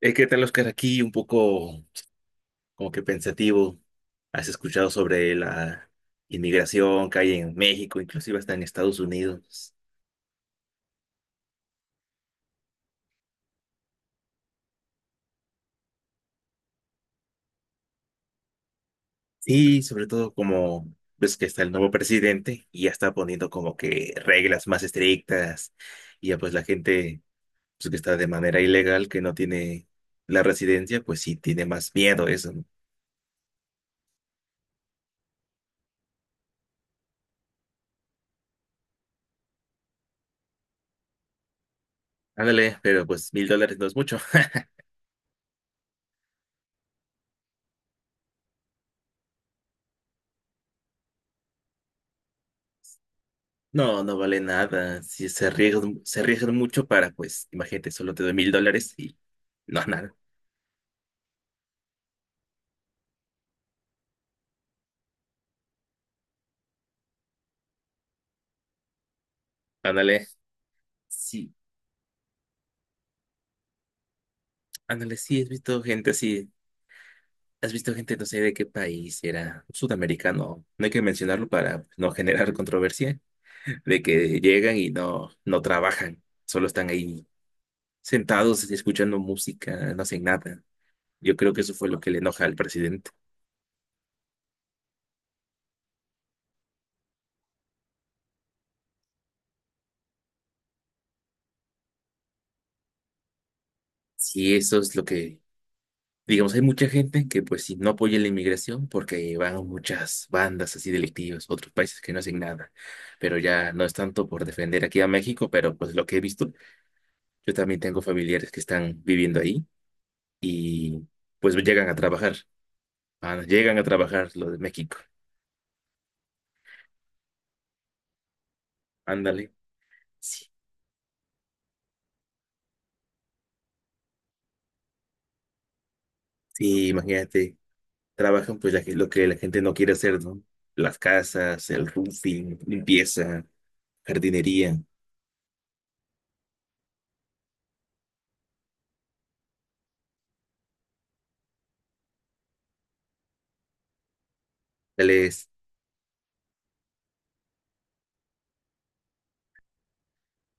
¿Qué tal, Oscar? Aquí un poco como que pensativo. ¿Has escuchado sobre la inmigración que hay en México, inclusive hasta en Estados Unidos? Sí, sobre todo como ves que está el nuevo presidente y ya está poniendo como que reglas más estrictas, y ya pues la gente, pues, que está de manera ilegal, que no tiene la residencia, pues sí tiene más miedo a eso, ¿no? Ándale, pero pues $1,000 no es mucho. No, no vale nada. Si se arriesgan, mucho para, pues, imagínate, solo te doy $1,000 y no, nada. Ándale. Sí, ándale, sí, has visto gente así. Has visto gente, no sé de qué país si era, sudamericano. No hay que mencionarlo para, pues, no generar controversia, de que llegan y no, no trabajan, solo están ahí sentados escuchando música, no hacen nada. Yo creo que eso fue lo que le enoja al presidente. Sí, eso es lo que. Digamos, hay mucha gente que pues sí, no apoya la inmigración porque van muchas bandas así delictivas, otros países que no hacen nada, pero ya no es tanto por defender aquí a México, pero pues lo que he visto, yo también tengo familiares que están viviendo ahí y pues llegan a trabajar, ah, llegan a trabajar lo de México, ándale, sí, sí, imagínate, trabajan pues lo que la gente no quiere hacer, ¿no? Las casas, el roofing, limpieza, jardinería.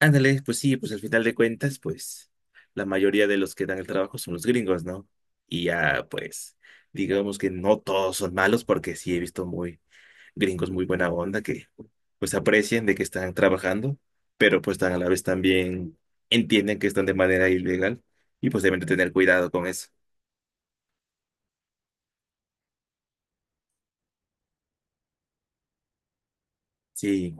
Ándale, pues sí, pues al final de cuentas, pues la mayoría de los que dan el trabajo son los gringos, ¿no? Y ya, pues, digamos que no todos son malos, porque sí he visto muy gringos muy buena onda que pues aprecian de que están trabajando, pero pues tan a la vez también entienden que están de manera ilegal y pues deben de tener cuidado con eso. Sí,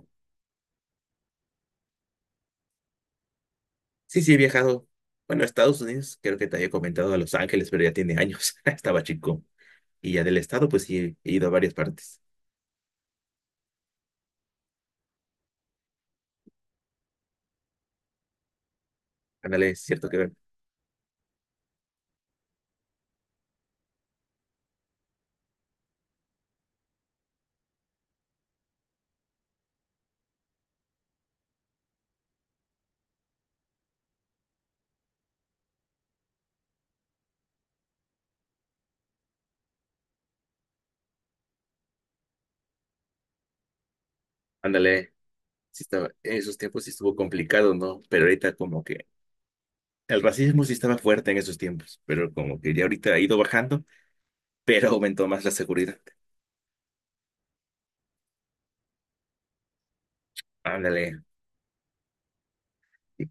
sí, sí, he viajado. Bueno, a Estados Unidos, creo que te había comentado, a Los Ángeles, pero ya tiene años, estaba chico. Y ya del estado, pues sí, he ido a varias partes. Ándale, es cierto que. Ándale, sí estaba, en esos tiempos sí estuvo complicado, ¿no? Pero ahorita como que el racismo sí estaba fuerte en esos tiempos, pero como que ya ahorita ha ido bajando, pero aumentó más la seguridad. Ándale, sí.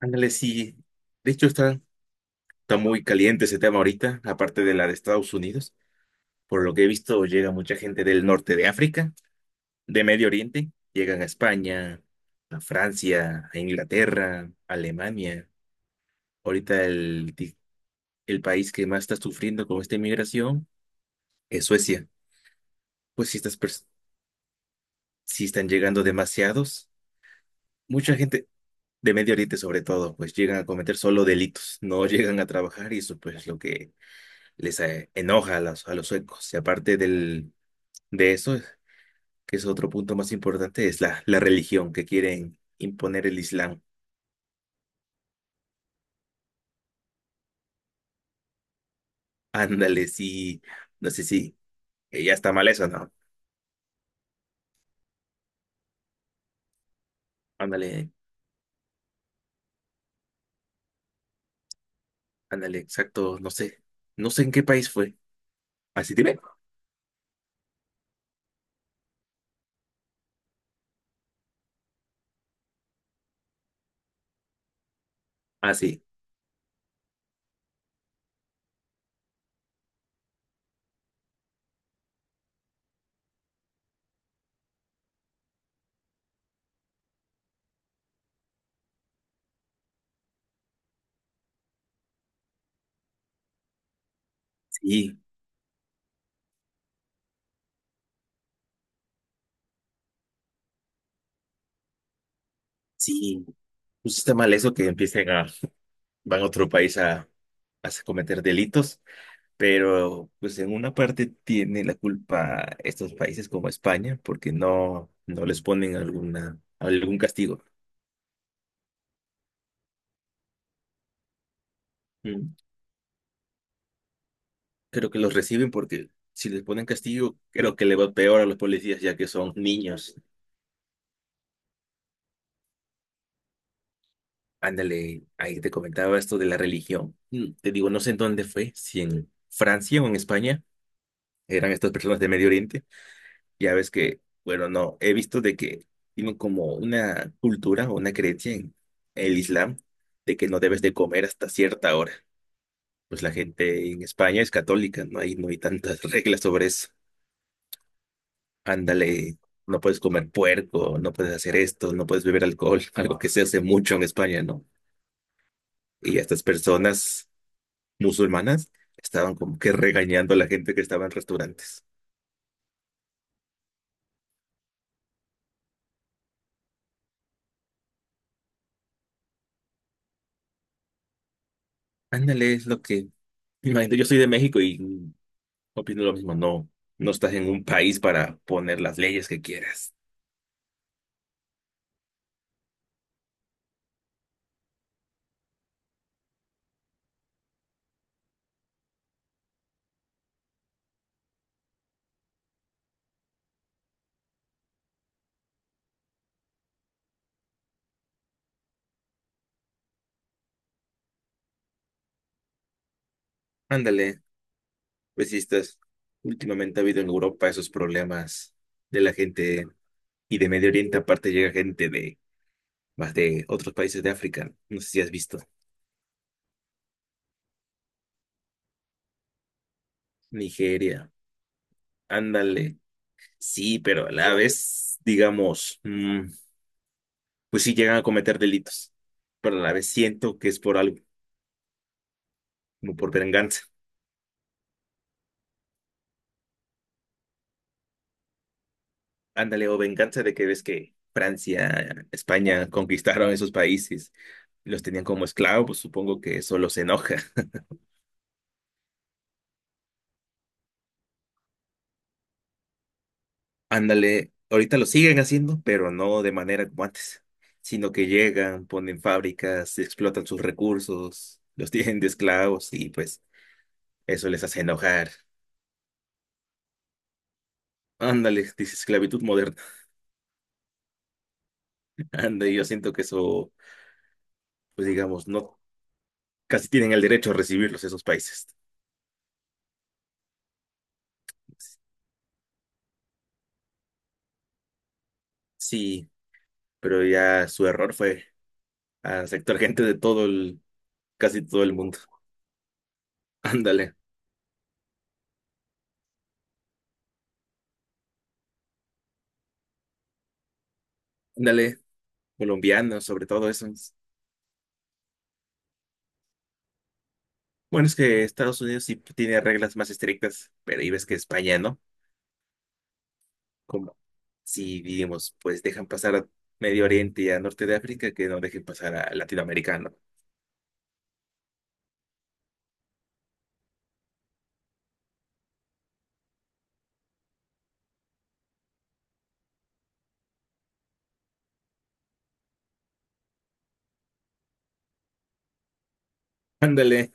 Ándale, sí. De hecho, está, muy caliente ese tema ahorita, aparte de la de Estados Unidos. Por lo que he visto, llega mucha gente del norte de África, de Medio Oriente, llegan a España, a Francia, a Inglaterra, a Alemania. Ahorita el país que más está sufriendo con esta inmigración en Suecia, pues si estas pers- sí están llegando demasiados, mucha gente de Medio Oriente sobre todo, pues llegan a cometer solo delitos, no llegan a trabajar, y eso pues es lo que les enoja a los, suecos. Y aparte de eso, que es otro punto más importante, es la, religión que quieren imponer, el Islam. Ándale, sí, no sé si ya está mal eso, ¿no? Ándale, ándale, exacto, no sé, en qué país fue. Así dime. Ah, sí, sí, sí. Pues está mal eso que empiecen a, van a otro país a, cometer delitos, pero pues en una parte tiene la culpa estos países como España, porque no, no les ponen algún castigo. Mm. Creo que los reciben porque si les ponen castigo, creo que le va peor a los policías ya que son niños. Ándale, ahí te comentaba esto de la religión. Te digo, no sé en dónde fue, si en Francia o en España, eran estas personas de Medio Oriente. Ya ves que, bueno, no, he visto de que tienen como una cultura o una creencia en el Islam de que no debes de comer hasta cierta hora. Pues la gente en España es católica, no hay, tantas reglas sobre eso. Ándale, no puedes comer puerco, no puedes hacer esto, no puedes beber alcohol, algo que se hace mucho en España, ¿no? Y estas personas musulmanas estaban como que regañando a la gente que estaba en restaurantes. Ándale, es lo que. Imagínate, yo soy de México y opino lo mismo, no. No estás en un país para poner las leyes que quieras. Ándale, pues sí estás. Últimamente ha habido en Europa esos problemas de la gente, y de Medio Oriente, aparte llega gente de más de otros países de África. No sé si has visto. Nigeria. Ándale. Sí, pero a la vez, digamos, pues sí llegan a cometer delitos. Pero a la vez siento que es por algo, como por venganza. Ándale, o venganza de que ves que Francia, España conquistaron esos países, los tenían como esclavos, pues supongo que eso los enoja. Ándale, ahorita lo siguen haciendo, pero no de manera como antes, sino que llegan, ponen fábricas, explotan sus recursos, los tienen de esclavos, y pues eso les hace enojar. Ándale, dice esclavitud moderna. Anda, y yo siento que eso, pues digamos, no, casi tienen el derecho a recibirlos esos países. Sí, pero ya su error fue aceptar gente de todo el, casi todo el mundo. Ándale, ándale, colombianos, sobre todo esos. Bueno, es que Estados Unidos sí tiene reglas más estrictas, pero ahí ves que España, ¿no? Como si, digamos, pues dejan pasar a Medio Oriente y a Norte de África, que no dejen pasar a Latinoamericano. Ándale.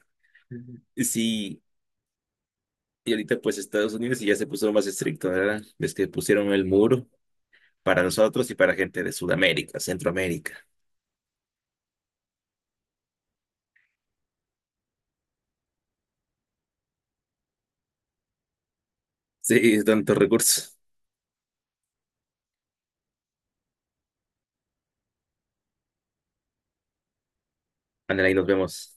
Ujú. Sí, y ahorita pues Estados Unidos sí ya se puso más estricto, ¿verdad? Ves que pusieron el muro para nosotros y para gente de Sudamérica, Centroamérica. Sí, tantos recursos. Ándale, ahí nos vemos.